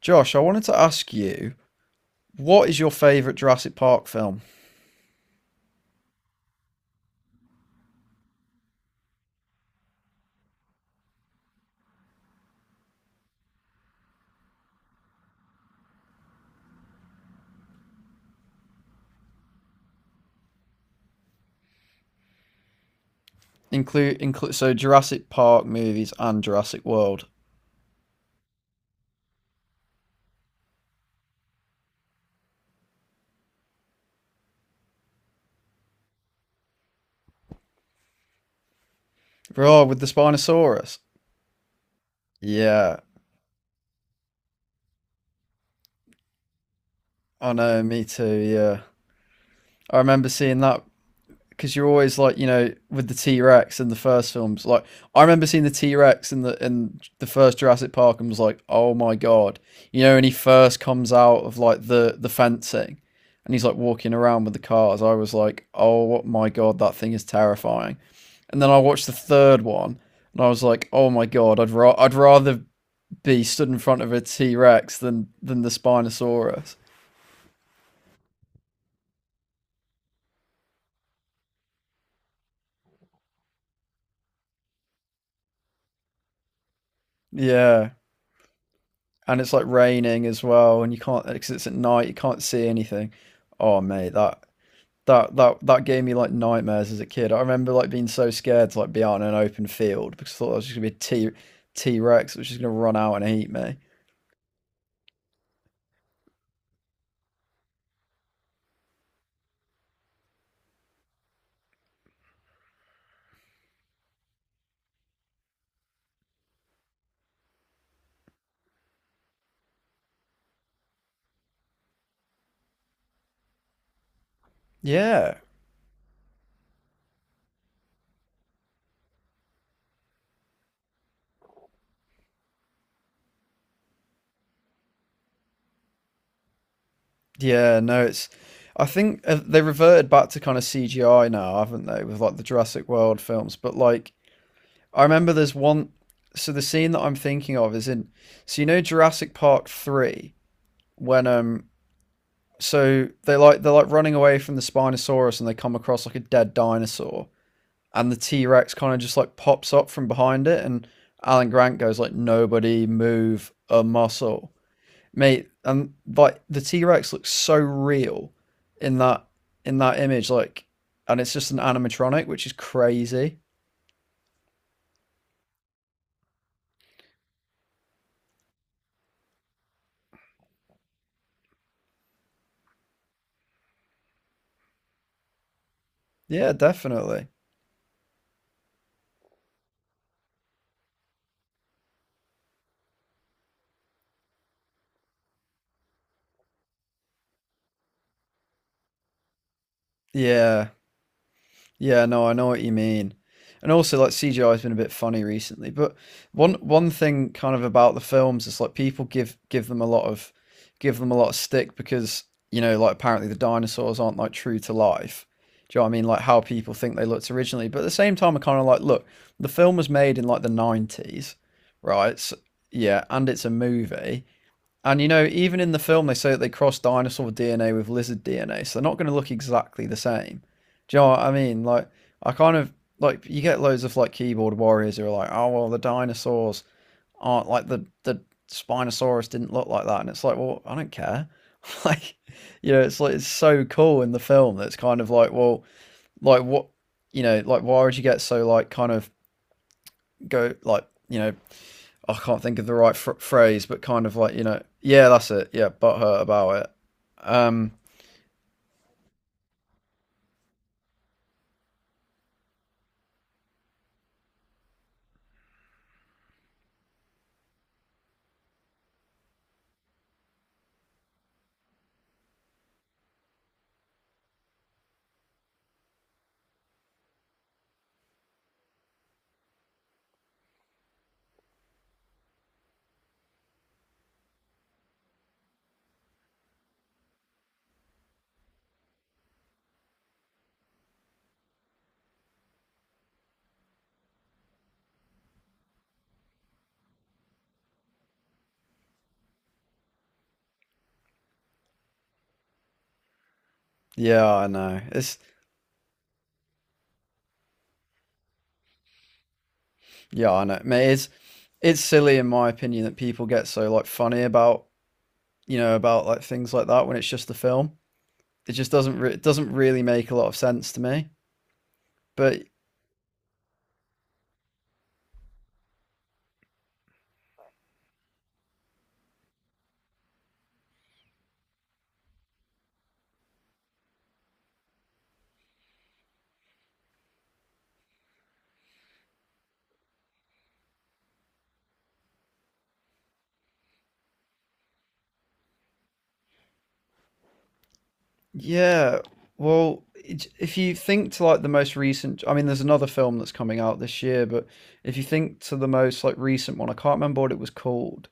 Josh, I wanted to ask you, what is your favorite Jurassic Park film? Include so Jurassic Park movies and Jurassic World. Oh, with the Spinosaurus. Yeah, I know, me too. Yeah, I remember seeing that because you're always like you know with the T Rex in the first films. Like I remember seeing the T Rex in the first Jurassic Park and was like, oh my god, you know, when he first comes out of like the fencing and he's like walking around with the cars. I was like, oh my god, that thing is terrifying. And then I watched the third one and I was like, oh my god, I'd rather be stood in front of a T Rex than the Spinosaurus. Yeah, and it's like raining as well, and you can't because it's at night, you can't see anything. Oh mate, that that gave me like nightmares as a kid. I remember like being so scared to like be out in an open field because I thought I was just gonna be a T Rex, which is gonna run out and eat me. Yeah, yeah, no, it's. I think they reverted back to kind of CGI now, haven't they, with like the Jurassic World films? But like, I remember there's one. So the scene that I'm thinking of is in. So you know Jurassic Park three when so they're like running away from the Spinosaurus and they come across like a dead dinosaur and the T Rex kind of just like pops up from behind it and Alan Grant goes like, nobody move a muscle. Mate, and like the T Rex looks so real in that in that image, like and it's just an animatronic, which is crazy. Yeah, definitely. Yeah. Yeah, no, I know what you mean. And also, like CGI has been a bit funny recently, but one thing kind of about the films is like people give them a lot of give them a lot of stick because you know like apparently the dinosaurs aren't like true to life. Do you know what I mean? Like how people think they looked originally, but at the same time, I kind of like look. The film was made in like the 90s, right? So, yeah, and it's a movie and you know, even in the film, they say that they cross dinosaur DNA with lizard DNA, so they're not going to look exactly the same. Do you know what I mean? Like, I kind of like you get loads of like keyboard warriors who are like, oh well, the dinosaurs aren't like the Spinosaurus didn't look like that, and it's like, well, I don't care. Like, you know, it's like it's so cool in the film that it's kind of like, well, like what, you know, like why would you get so like kind of go like you know I can't think of the phrase, but kind of like you know, yeah, that's it, yeah, butthurt about it. Um, yeah, I know. It's yeah, I know. Mate, it's silly in my opinion that people get so like funny about you know about like things like that when it's just a film. It just doesn't re- it doesn't really make a lot of sense to me. But yeah, well, if you think to like the most recent, I mean, there's another film that's coming out this year, but if you think to the most like recent one, I can't remember what it was called.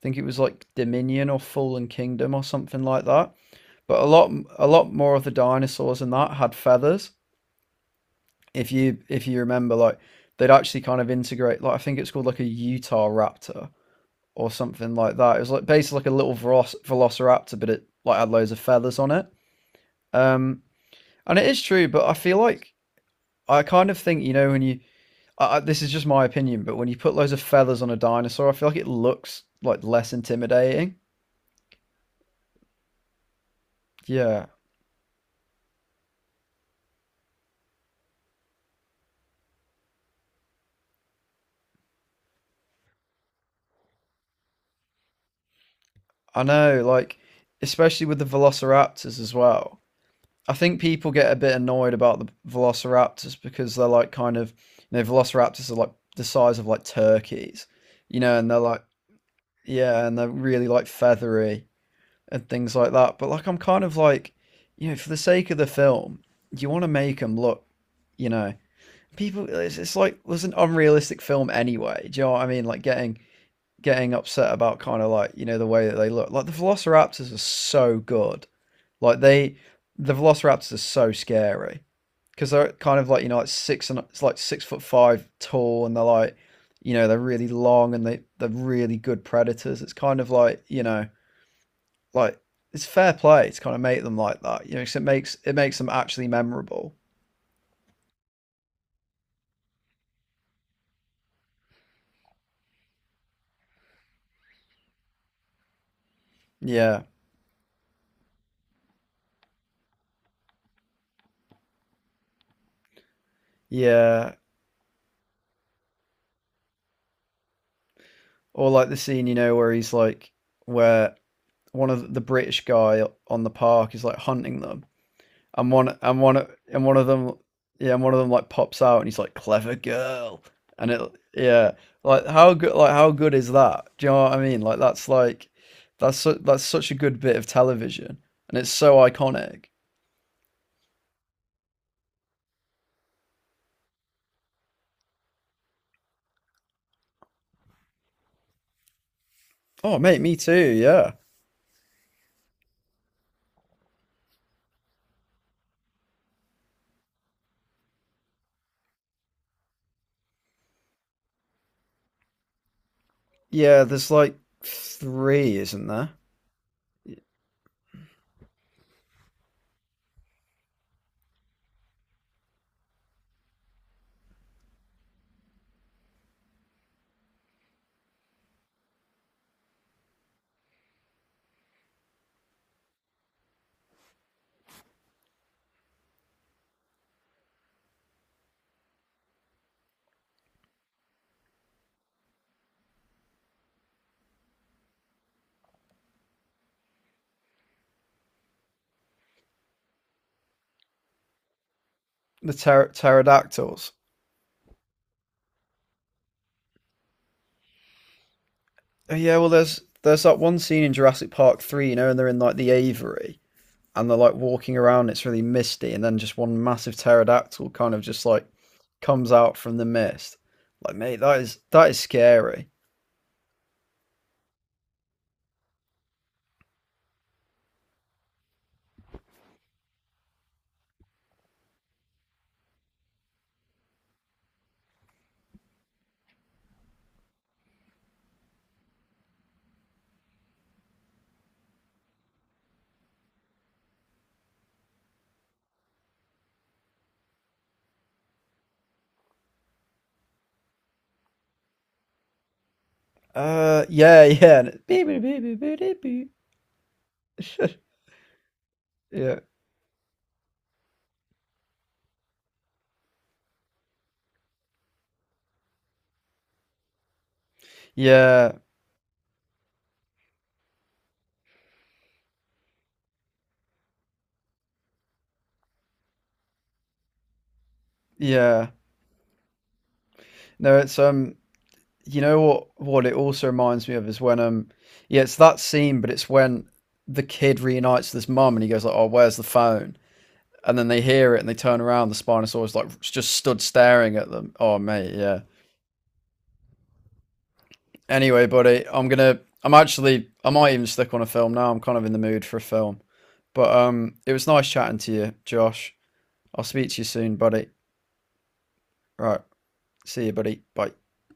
I think it was like Dominion or Fallen Kingdom or something like that. But a lot more of the dinosaurs in that had feathers. If you remember, like they'd actually kind of integrate. Like I think it's called like a Utah Raptor or something like that. It was like basically like a little Velociraptor, but it like had loads of feathers on it. Um, and it is true, but I feel like I kind of think you know when you this is just my opinion, but when you put loads of feathers on a dinosaur, I feel like it looks like less intimidating. Yeah, I know, like, especially with the velociraptors as well. I think people get a bit annoyed about the velociraptors because they're like kind of, you know, velociraptors are like the size of like turkeys, you know, and they're like, yeah, and they're really like feathery and things like that. But like, I'm kind of like, you know, for the sake of the film, you want to make them look, you know, people, it's like, it was an unrealistic film anyway. Do you know what I mean? Like, getting upset about kind of like you know the way that they look. Like the Velociraptors are so good. Like they, the Velociraptors are so scary because they're kind of like you know like six and it's like 6 foot five tall and they're like you know they're really long and they're really good predators. It's kind of like you know like it's fair play to kind of make them like that. You know, 'cause it makes them actually memorable. Yeah, yeah. Or like the scene you know where he's like where one of the British guy on the park is like hunting them and one of them, yeah, and one of them like pops out and he's like, clever girl, and it, yeah, like how good, like how good is that, do you know what I mean, like that's like that's such a good bit of television and it's so iconic. Oh mate, me too, yeah, yeah, there's like three isn't there, the pterodactyls. Oh yeah, well, there's that one scene in Jurassic Park 3, you know, and they're in like the aviary and they're like walking around. It's really misty, and then just one massive pterodactyl kind of just like comes out from the mist. Like, mate, that is scary. Yeah, yeah, yeah, yeah, yeah. No, it's you know what? What it also reminds me of is when yeah, it's that scene, but it's when the kid reunites with his mum, and he goes like, "Oh, where's the phone?" And then they hear it, and they turn around. The Spinosaurus like just stood staring at them. Oh, mate, yeah. Anyway, buddy, I'm gonna. I'm actually. I might even stick on a film now. I'm kind of in the mood for a film. But it was nice chatting to you, Josh. I'll speak to you soon, buddy. Right. See you, buddy. Bye.